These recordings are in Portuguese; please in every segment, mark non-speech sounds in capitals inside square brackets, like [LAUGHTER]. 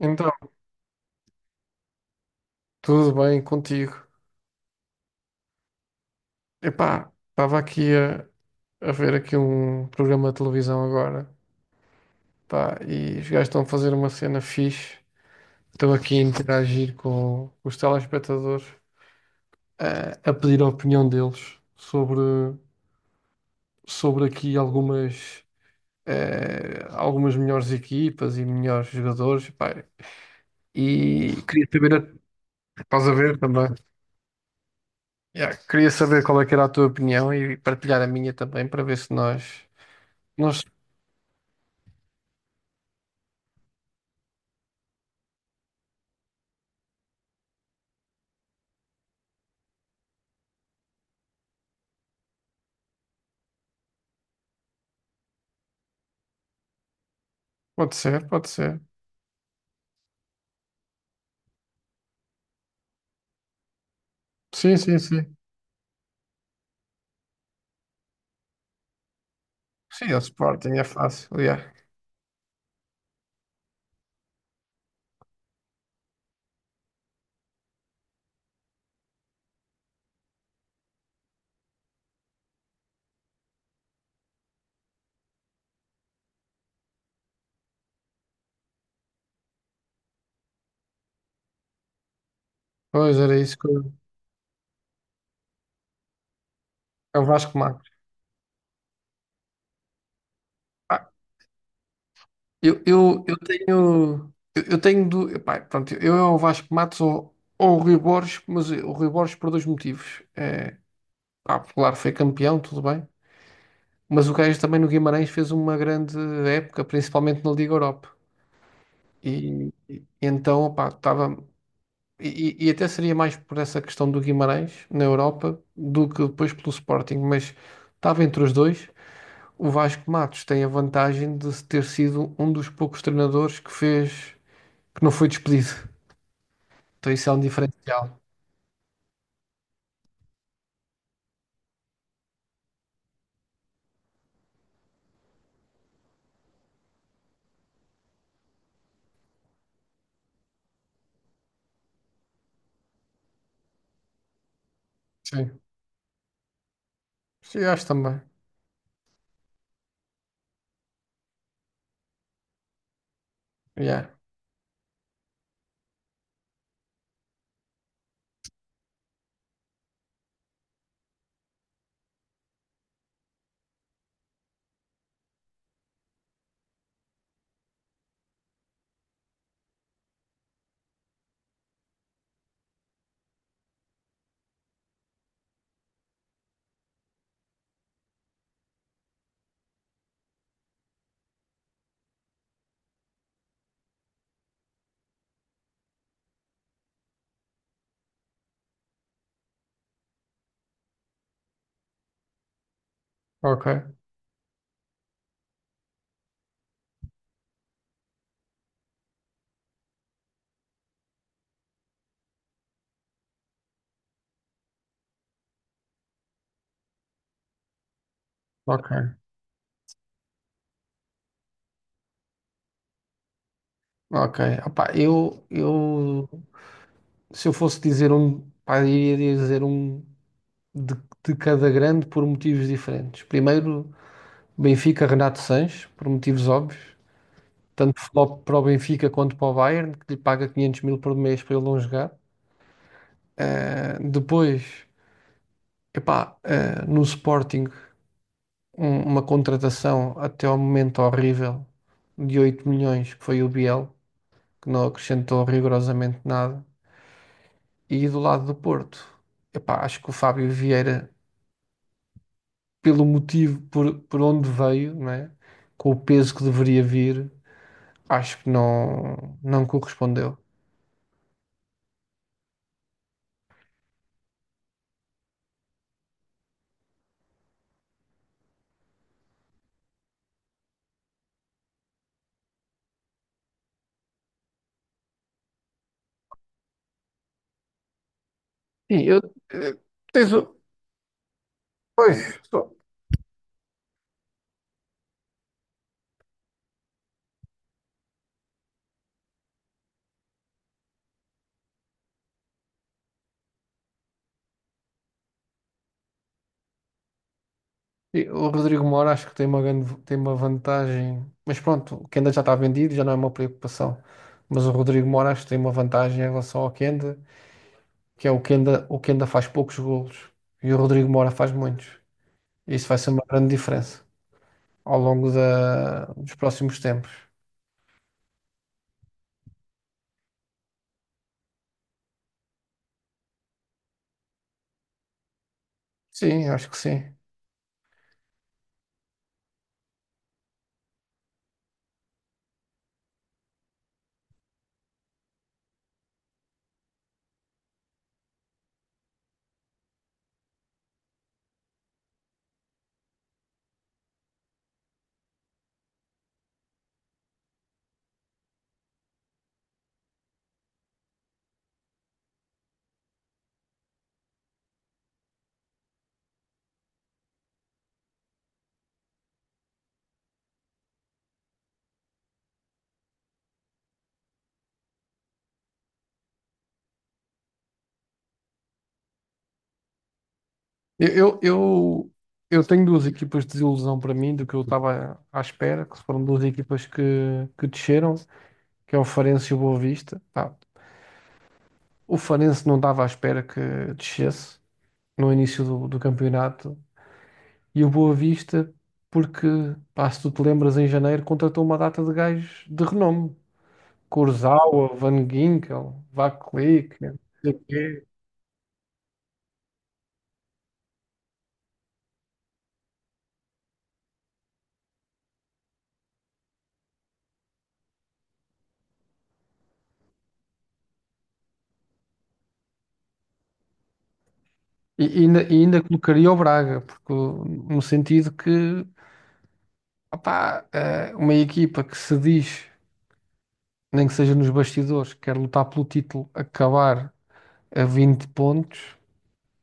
Então, tudo bem contigo? Epá, estava aqui a ver aqui um programa de televisão agora, pá, e os gajos estão a fazer uma cena fixe. Estou aqui a interagir com os telespectadores, a pedir a opinião deles sobre aqui algumas, algumas melhores equipas e melhores jogadores, pá. E queria saber, estás a ver também? Yeah, queria saber qual é que era a tua opinião e partilhar a minha também para ver se nós. Nós Pode ser, pode ser. Sim, sim, sim. Sim, o Sporting é fácil, yeah. Pois era isso que eu. É o Vasco Matos. Ah, Epá, pronto, eu é o Vasco Matos ou o Rui Borges, mas o Rui Borges por dois motivos. É, pá, claro, foi campeão, tudo bem. Mas o gajo também no Guimarães fez uma grande época, principalmente na Liga Europa. E então, opá, estava. E, e até seria mais por essa questão do Guimarães na Europa do que depois pelo Sporting, mas estava entre os dois. O Vasco Matos tem a vantagem de ter sido um dos poucos treinadores que não foi despedido. Então isso é um diferencial. Sim, sim, acho também. Yeah. Ok, ok, ok. Opá, eu se eu fosse dizer um, pá, eu iria dizer um de, de cada grande por motivos diferentes. Primeiro, Benfica, Renato Sanches, por motivos óbvios. Tanto para o Benfica quanto para o Bayern, que lhe paga 500 mil por mês para ele não jogar. Depois, epá, no Sporting, uma contratação até ao momento horrível de 8 milhões, que foi o Biel, que não acrescentou rigorosamente nada. E do lado do Porto, epá, acho que o Fábio Vieira, pelo motivo por onde veio, não é? Com o peso que deveria vir, acho que não correspondeu. Sim, eu, eh, tens, Pois, só- E o Rodrigo Moura acho que tem uma grande, tem uma vantagem, mas pronto, o Kenda já está vendido, já não é uma preocupação. Mas o Rodrigo Moura acho que tem uma vantagem em relação ao Kenda, que é o Kenda, faz poucos golos e o Rodrigo Moura faz muitos. Isso vai ser uma grande diferença ao longo da, dos próximos tempos. Sim, acho que sim. Eu, eu, eu, eu tenho duas equipas de desilusão para mim do que eu estava à espera, que foram duas equipas que desceram, que é o Farense e o Boa Vista. Pá, o Farense não estava à espera que descesse no início do campeonato, e o Boa Vista porque, pá, se tu te lembras, em janeiro contratou uma data de gajos de renome. Kurzawa, Van Ginkel, Vaclik, não sei o quê. E ainda colocaria o Braga, porque, no sentido que. Opá, uma equipa que se diz, nem que seja nos bastidores, que quer lutar pelo título, acabar a 20 pontos,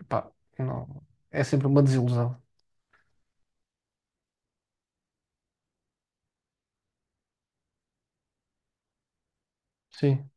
epá, não, é sempre uma desilusão. Sim.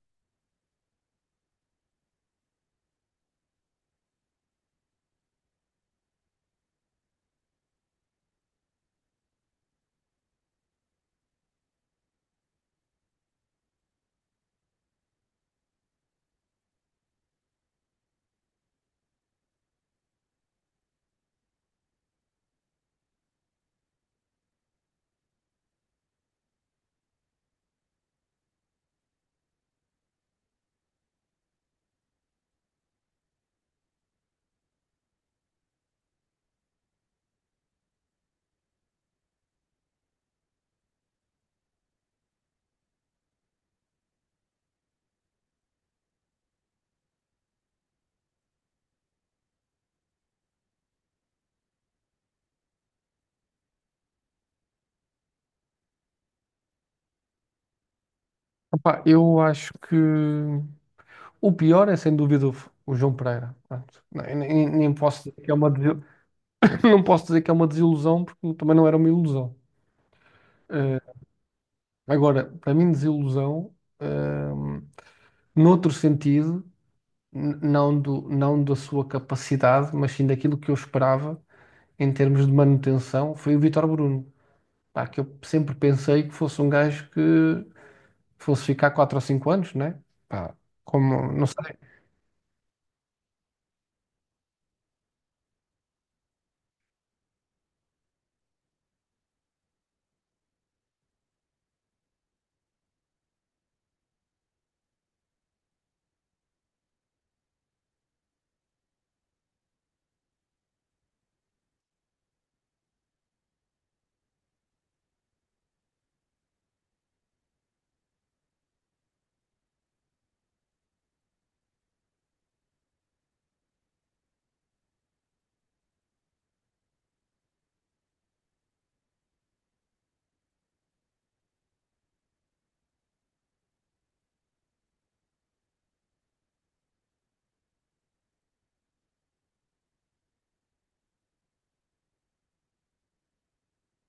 Opá, eu acho que o pior é sem dúvida o João Pereira. Pronto. Nem posso dizer que é uma. [LAUGHS] Não posso dizer que é uma desilusão, porque também não era uma ilusão. Eh, agora, para mim, desilusão, eh, noutro sentido. Não da sua capacidade, mas sim daquilo que eu esperava em termos de manutenção, foi o Vítor Bruno. Pá, que eu sempre pensei que fosse um gajo que fosse ficar 4 ou 5 anos, né? Pá, como, não sei.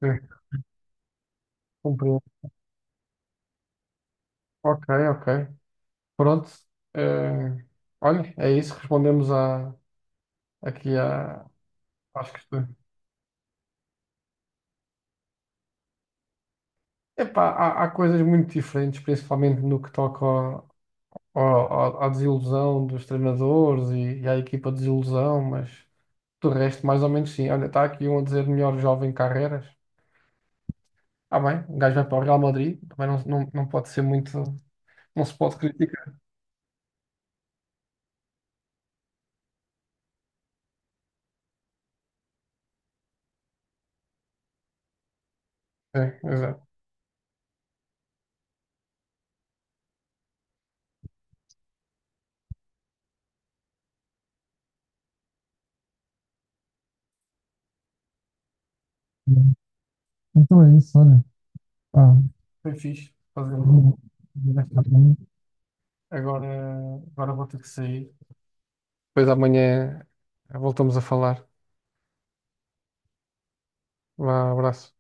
É, compreendo. Ok, ok. Pronto. Eh, olha, é isso. Respondemos aqui a, às questões. Epá, há coisas muito diferentes, principalmente no que toca à desilusão dos treinadores e à equipa de desilusão, mas. Do resto, mais ou menos sim. Olha, está aqui um a dizer melhor jovem Carreras. Ah, bem, o gajo vai para o Real Madrid, também não, não, não pode ser muito. Não se pode criticar. É, exato. Então é isso, olha. Pá, foi fixe fazer. Vou- vou Agora, agora vou ter que sair. Depois amanhã voltamos a falar. Vá, abraço.